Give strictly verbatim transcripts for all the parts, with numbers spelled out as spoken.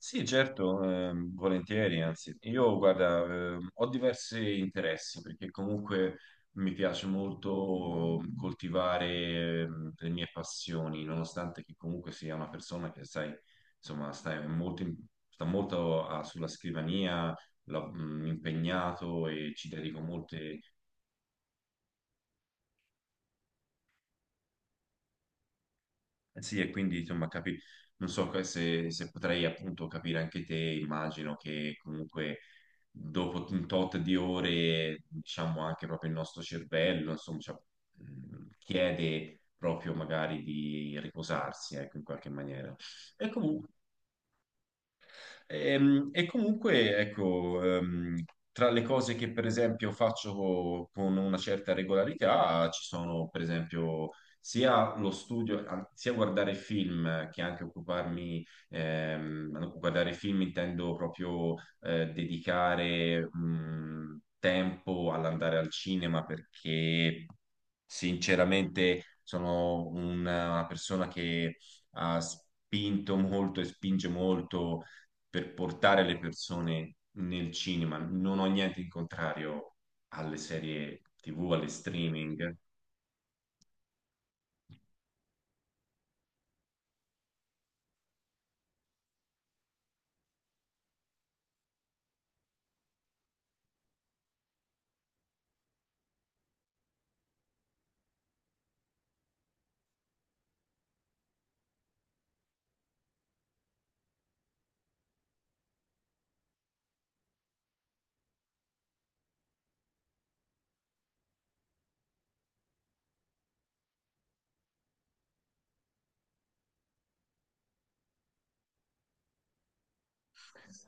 Sì, certo, ehm, volentieri, anzi, io guarda, ehm, ho diversi interessi perché comunque mi piace molto coltivare ehm, le mie passioni, nonostante che comunque sia una persona che, sai, insomma, sta molto, in- sta molto a- sulla scrivania, la- mh, impegnato e ci dedico molte. Eh sì, e quindi insomma, capi... non so che se, se potrei appunto capire anche te. Immagino che comunque dopo un tot di ore, diciamo anche proprio il nostro cervello, insomma, cioè, mh, chiede proprio magari di riposarsi, ecco, in qualche maniera. E comunque Ehm, E, comunque, ecco, ehm, tra le cose che per esempio faccio co- con una certa regolarità ci sono per esempio sia lo studio, an- sia guardare film che anche occuparmi, ehm, no, guardare film intendo proprio eh, dedicare mh, tempo all'andare al cinema, perché sinceramente sono una persona che ha spinto molto e spinge molto per portare le persone nel cinema. Non ho niente in contrario alle serie T V, alle streaming.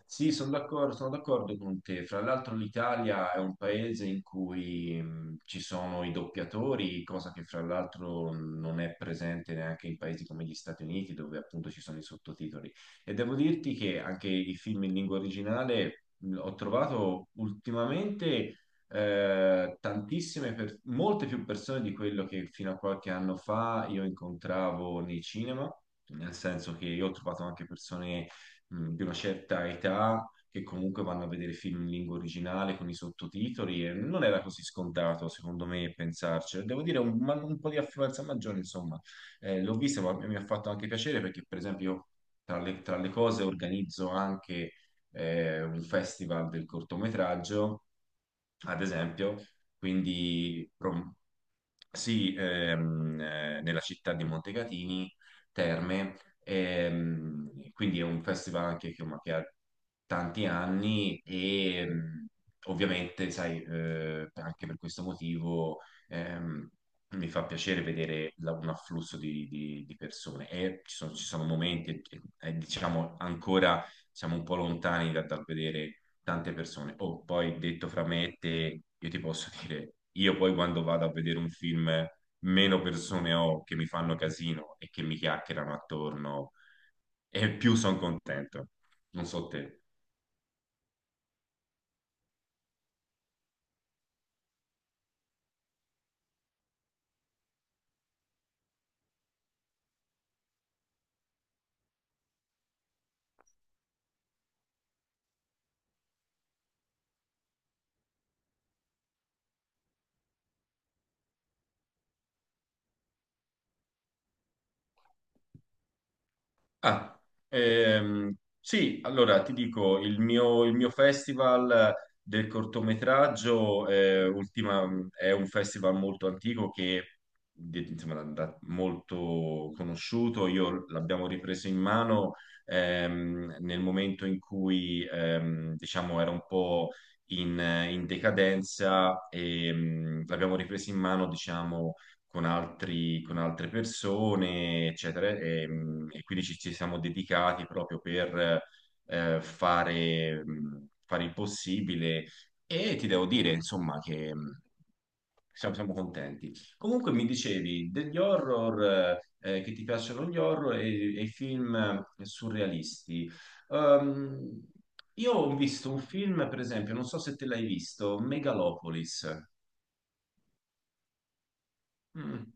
Sì, sono d'accordo, sono d'accordo con te. Fra l'altro l'Italia è un paese in cui mh, ci sono i doppiatori, cosa che fra l'altro non è presente neanche in paesi come gli Stati Uniti, dove appunto ci sono i sottotitoli. E devo dirti che anche i film in lingua originale mh, ho trovato ultimamente eh, tantissime, per- molte più persone di quello che fino a qualche anno fa io incontravo nei cinema, nel senso che io ho trovato anche persone mh, di una certa età che comunque vanno a vedere film in lingua originale con i sottotitoli, e non era così scontato, secondo me, pensarci. Devo dire, un, ma- un po' di affluenza maggiore, insomma, eh, l'ho vista, ma mi ha fatto anche piacere perché, per esempio, io tra le, tra le cose organizzo anche eh, un festival del cortometraggio, ad esempio, quindi pro- sì, ehm, eh, nella città di Montecatini Terme. Ehm, quindi è un festival anche che, ma che ha tanti anni, e ehm, ovviamente, sai, eh, anche per questo motivo ehm, mi fa piacere vedere la- un afflusso di, di- di persone, e ci sono, ci sono momenti, e, e- e, diciamo ancora siamo un po' lontani da- dal vedere tante persone. Oh, poi detto fra me e te, io ti posso dire, io poi quando vado a vedere un film, meno persone ho che mi fanno casino e che mi chiacchierano attorno, e più sono contento. Non so te. Ah, ehm, sì, allora ti dico, il mio, il mio festival del cortometraggio, eh, ultima- mm, è un festival molto antico che di- insomma, da- da- molto conosciuto, io l'abbiamo ripreso in mano ehm, nel momento in cui ehm, diciamo era un po' in, in decadenza, e mm, l'abbiamo ripreso in mano diciamo con altri- con altre persone, eccetera. E, mh, e quindi ci, ci siamo dedicati proprio per eh, fare, mh, fare il possibile, e ti devo dire, insomma, che mh, siamo, siamo contenti. Comunque mi dicevi degli horror, eh, che ti piacciono gli horror e, e i film eh, surrealisti. Ehm, io ho visto un film, per esempio, non so se te l'hai visto, Megalopolis. Mm.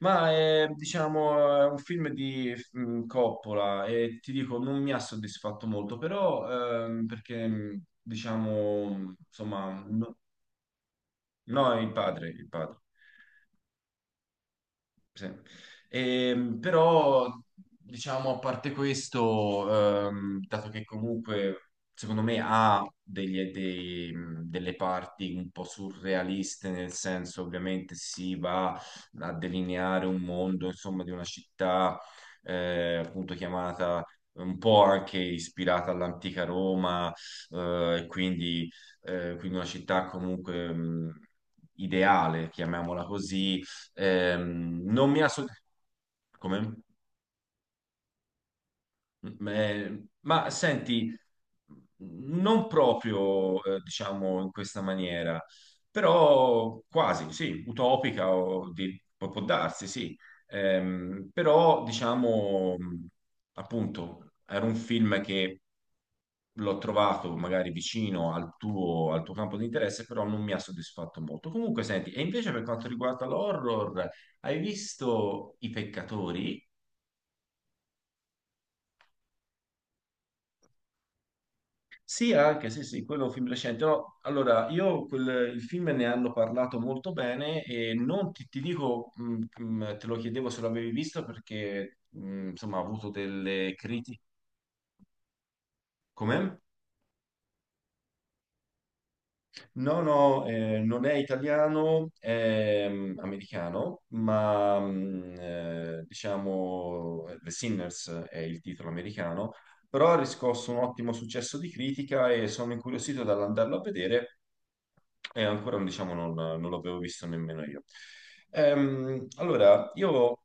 Ma è, diciamo, è un film di mm, Coppola, e ti dico, non mi ha soddisfatto molto, però ehm, perché, mm, diciamo, insomma, no, no, il padre, il padre. Sì. Ehm, però, diciamo, a parte questo, ehm, dato che comunque secondo me ha degli- dei delle parti un po' surrealiste, nel senso ovviamente si va a delineare un mondo, insomma, di una città, eh, appunto chiamata un po' anche ispirata all'antica Roma, eh, e quindi, eh, quindi una città comunque mh, ideale, chiamiamola così. Ehm, non mi ha... so- Come? Mm, eh, ma senti, non proprio, eh, diciamo, in questa maniera, però quasi, sì, utopica o di- può, può darsi, sì. Ehm, però, diciamo, mh, appunto, era un film che l'ho trovato magari vicino al tuo, al tuo campo di interesse, però non mi ha soddisfatto molto. Comunque, senti, e invece per quanto riguarda l'horror, hai visto I Peccatori? Sì, anche, sì, sì, quello è un film recente. No, allora, io quel, il film ne hanno parlato molto bene, e non ti, ti dico, mh, mh, te lo chiedevo se l'avevi visto perché, mh, insomma, ha avuto delle critiche. Com'è? No, no, eh, non è italiano, è mm, americano, ma mm, eh, diciamo The Sinners è il titolo americano, però ha riscosso un ottimo successo di critica e sono incuriosito dall'andarlo a vedere, e ancora diciamo, non, non l'avevo visto nemmeno io. Ehm, allora, io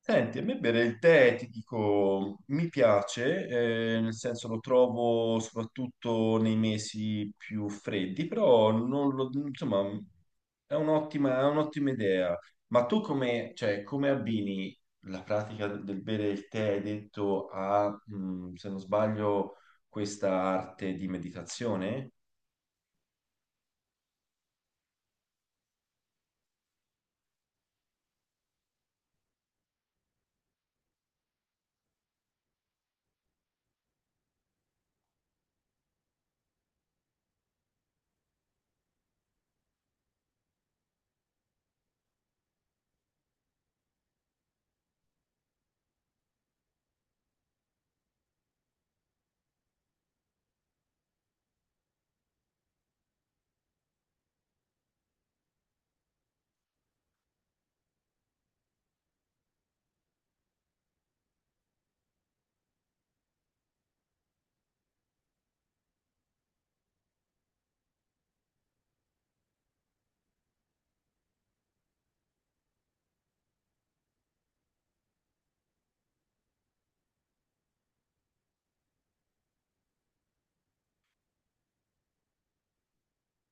senti, a me bere il tè, ti dico, mi piace, eh, nel senso lo trovo soprattutto nei mesi più freddi, però non lo- insomma, è un'ottima, è un'ottima idea. Ma tu come, cioè, come abbini la pratica del bere il tè, hai detto, a, mh, se non sbaglio, questa arte di meditazione?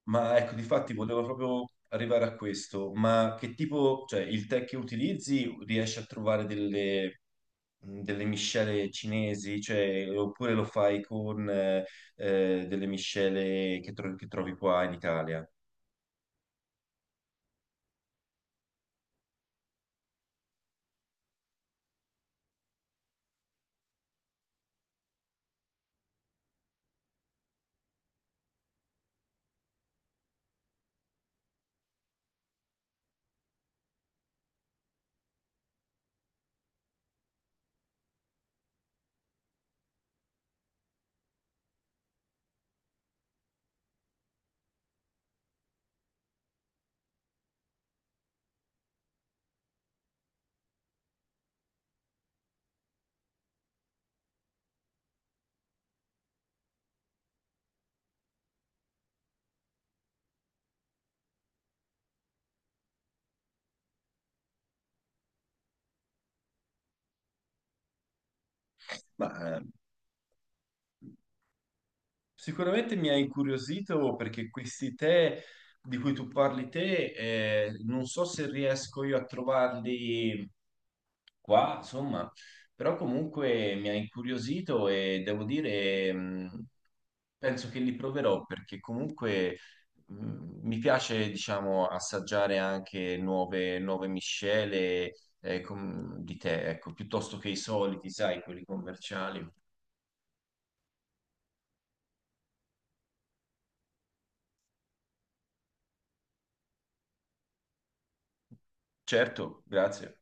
Ma ecco, difatti volevo proprio arrivare a questo, ma che tipo, cioè il tè che utilizzi riesci a trovare delle mh, delle miscele cinesi, cioè, oppure lo fai con eh, eh, delle miscele che, tro- che trovi qua in Italia. Ma eh, sicuramente mi ha incuriosito perché questi tè di cui tu parli te, eh, non so se riesco io a trovarli qua, insomma, però comunque mi ha incuriosito e devo dire, mh, penso che li proverò perché comunque mh, mi piace, diciamo, assaggiare anche nuove, nuove miscele eh, com- di tè, ecco, piuttosto che i soliti, sai, quelli commerciali. Certo, grazie.